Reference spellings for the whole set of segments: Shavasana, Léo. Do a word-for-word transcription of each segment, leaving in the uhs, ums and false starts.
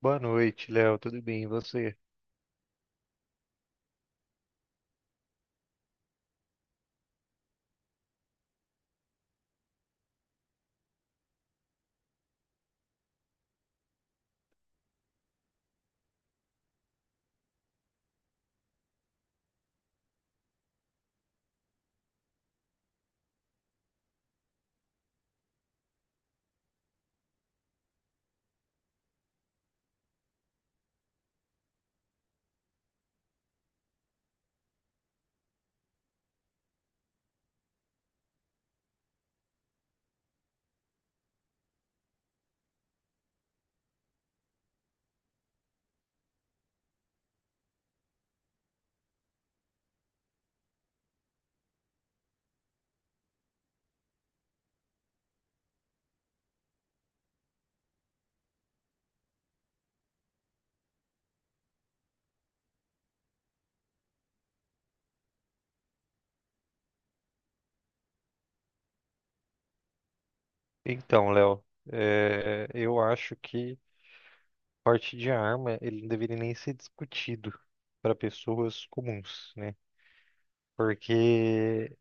Boa noite, Léo. Tudo bem? E você? Então, Léo, é, eu acho que porte de arma ele não deveria nem ser discutido para pessoas comuns, né? Porque,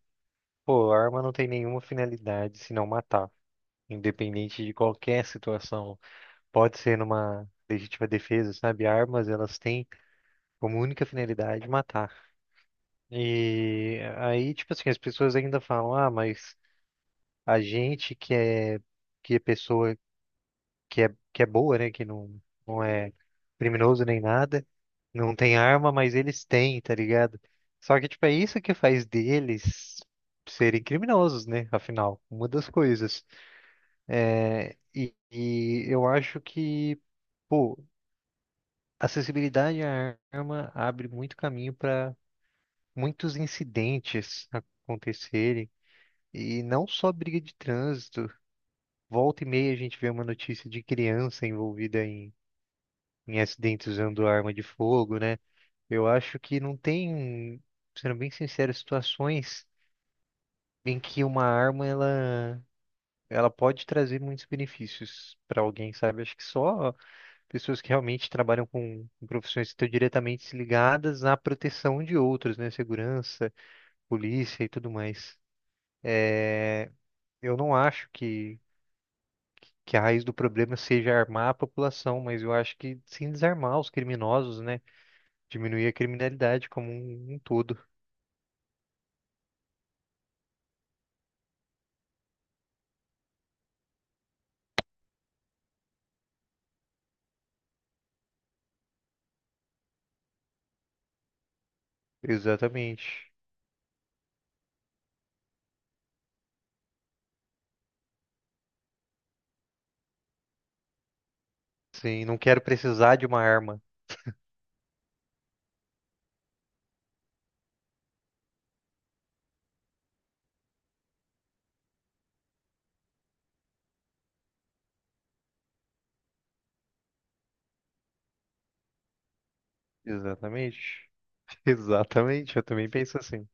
pô, a arma não tem nenhuma finalidade senão matar, independente de qualquer situação. Pode ser numa legítima defesa, sabe? Armas, elas têm como única finalidade matar. E aí, tipo assim, as pessoas ainda falam, ah, mas a gente que é que é pessoa que é, que é boa, né? Que não, não é criminoso nem nada. Não tem arma, mas eles têm, tá ligado? Só que, tipo, é isso que faz deles serem criminosos, né? Afinal, uma das coisas. É, E, e eu acho que, pô, acessibilidade à arma abre muito caminho para muitos incidentes acontecerem. E não só briga de trânsito. Volta e meia a gente vê uma notícia de criança envolvida em acidentes usando arma de fogo, né? Eu acho que não tem, sendo bem sincero, situações em que uma arma ela ela pode trazer muitos benefícios para alguém, sabe? Acho que só pessoas que realmente trabalham com com profissões que estão diretamente ligadas à proteção de outros, né? Segurança, polícia e tudo mais. É, Eu não acho que, que a raiz do problema seja armar a população, mas eu acho que sim desarmar os criminosos, né? Diminuir a criminalidade como um, um todo. Exatamente. Sim, não quero precisar de uma arma. Exatamente. Exatamente, eu também penso assim.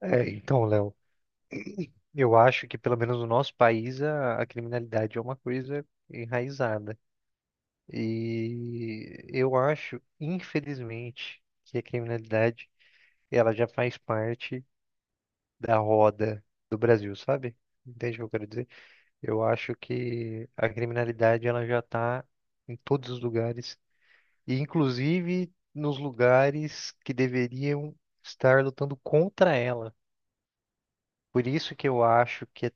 É, então, Léo, eu acho que pelo menos no nosso país a, a criminalidade é uma coisa enraizada. E eu acho, infelizmente, que a criminalidade ela já faz parte da roda do Brasil, sabe? Entende o que eu quero dizer? Eu acho que a criminalidade ela já está em todos os lugares e, inclusive nos lugares que deveriam estar lutando contra ela. Por isso que eu acho que, é-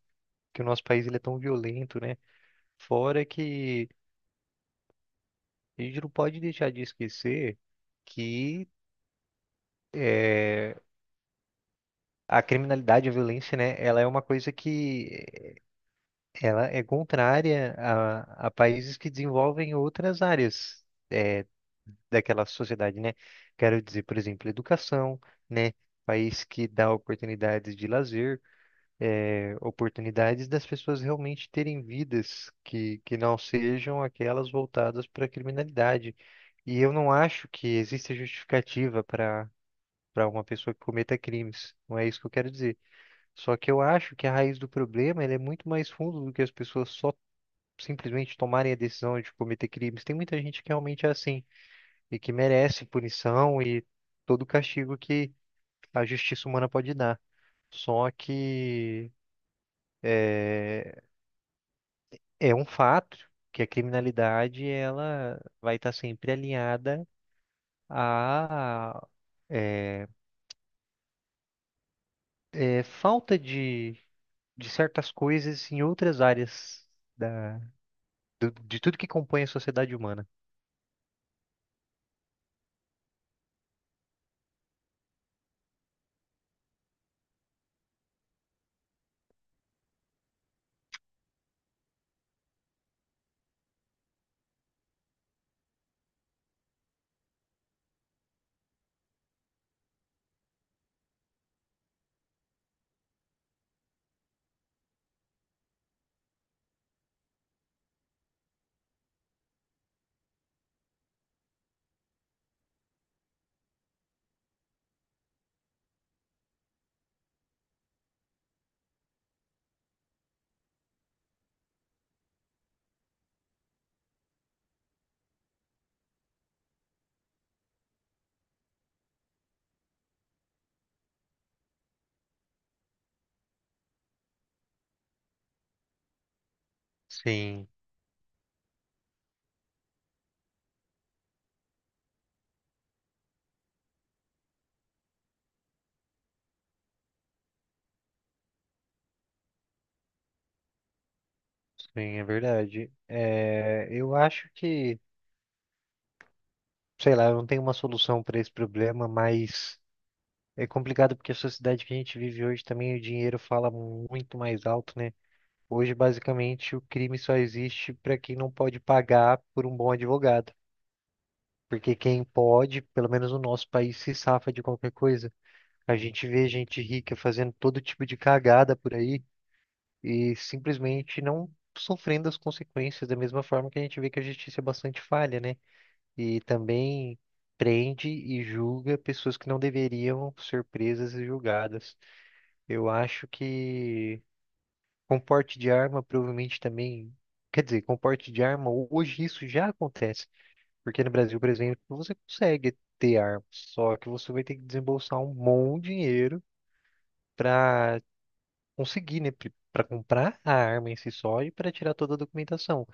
que o nosso país ele é tão violento, né? Fora que a gente não pode deixar de esquecer que eh, a criminalidade, a violência, né? Ela é uma coisa que ela é contrária a, a países que desenvolvem outras áreas é, daquela sociedade, né? Quero dizer, por exemplo, educação, né? País que dá oportunidades de lazer, é, oportunidades das pessoas realmente terem vidas que, que não sejam aquelas voltadas para a criminalidade. E eu não acho que exista justificativa para para uma pessoa que cometa crimes. Não é isso que eu quero dizer. Só que eu acho que a raiz do problema ela é muito mais fundo do que as pessoas só simplesmente tomarem a decisão de cometer crimes. Tem muita gente que realmente é assim e que merece punição e todo o castigo que a justiça humana pode dar. Só que é, é um fato que a criminalidade ela vai estar sempre alinhada à é, é, falta de, de certas coisas em outras áreas da, do- de tudo que compõe a sociedade humana. Sim. Sim, é verdade. É, eu acho que, sei lá, eu não tenho uma solução para esse problema, mas é complicado porque a sociedade que a gente vive hoje também o dinheiro fala muito mais alto, né? Hoje, basicamente, o crime só existe para quem não pode pagar por um bom advogado. Porque quem pode, pelo menos no nosso país, se safa de qualquer coisa. A gente vê gente rica fazendo todo tipo de cagada por aí e simplesmente não sofrendo as consequências, da mesma forma que a gente vê que a justiça é bastante falha, né? E também prende e julga pessoas que não deveriam ser presas e julgadas. Eu acho que com porte de arma provavelmente também, quer dizer, com porte de arma hoje isso já acontece, porque no Brasil, por exemplo, você consegue ter arma, só que você vai ter que desembolsar um bom dinheiro para conseguir, né, para comprar a arma em si só e para tirar toda a documentação.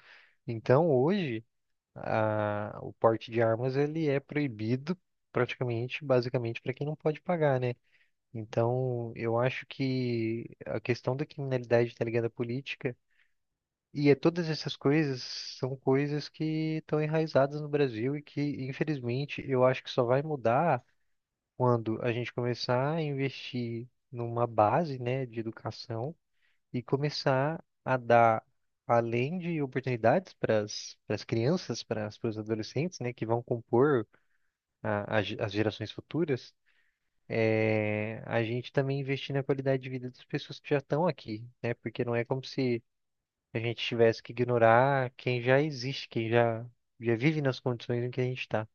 Então, hoje a- o porte de armas ele é proibido praticamente, basicamente, para quem não pode pagar, né? Então, eu acho que a questão da criminalidade tá ligada à política e é, todas essas coisas são coisas que estão enraizadas no Brasil e que, infelizmente, eu acho que só vai mudar quando a gente começar a investir numa base, né, de educação e começar a dar, além de oportunidades para as crianças, para os adolescentes, né, que vão compor a- a ge- as gerações futuras, eh, a gente também investir na qualidade de vida das pessoas que já estão aqui, né, porque não é como se a gente tivesse que ignorar quem já existe, quem já, já vive nas condições em que a gente está.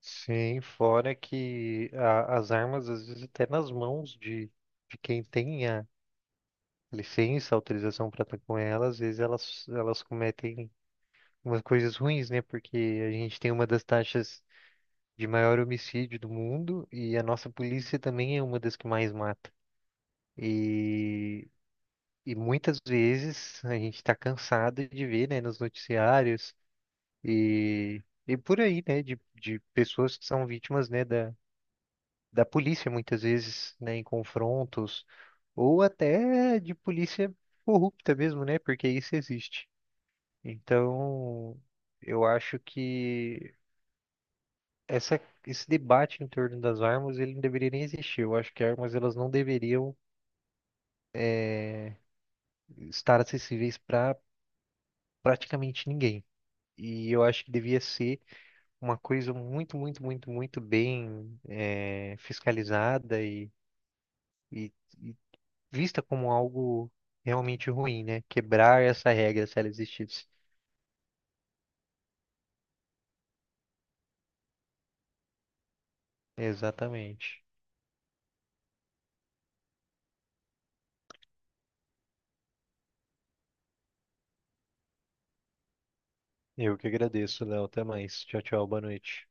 Sim, fora que a- as armas, às vezes, até nas mãos de, de quem tem licença, autorização para estar com elas, às vezes elas, elas cometem umas coisas ruins, né? Porque a gente tem uma das taxas de maior homicídio do mundo e a nossa polícia também é uma das que mais mata. E, e muitas vezes a gente está cansado de ver, né, nos noticiários e, e por aí, né, de, de pessoas que são vítimas, né, da, da polícia muitas vezes, né, em confrontos ou até de polícia corrupta mesmo, né, porque isso existe. Então, eu acho que essa, esse debate em torno das armas, ele não deveria nem existir. Eu acho que armas, elas não deveriam estar acessíveis para praticamente ninguém. E eu acho que devia ser uma coisa muito, muito, muito, muito bem eh, fiscalizada e, e- e vista como algo realmente ruim, né? Quebrar essa regra se ela existisse. Exatamente. Eu que agradeço, Léo. Até mais. Tchau, tchau. Boa noite.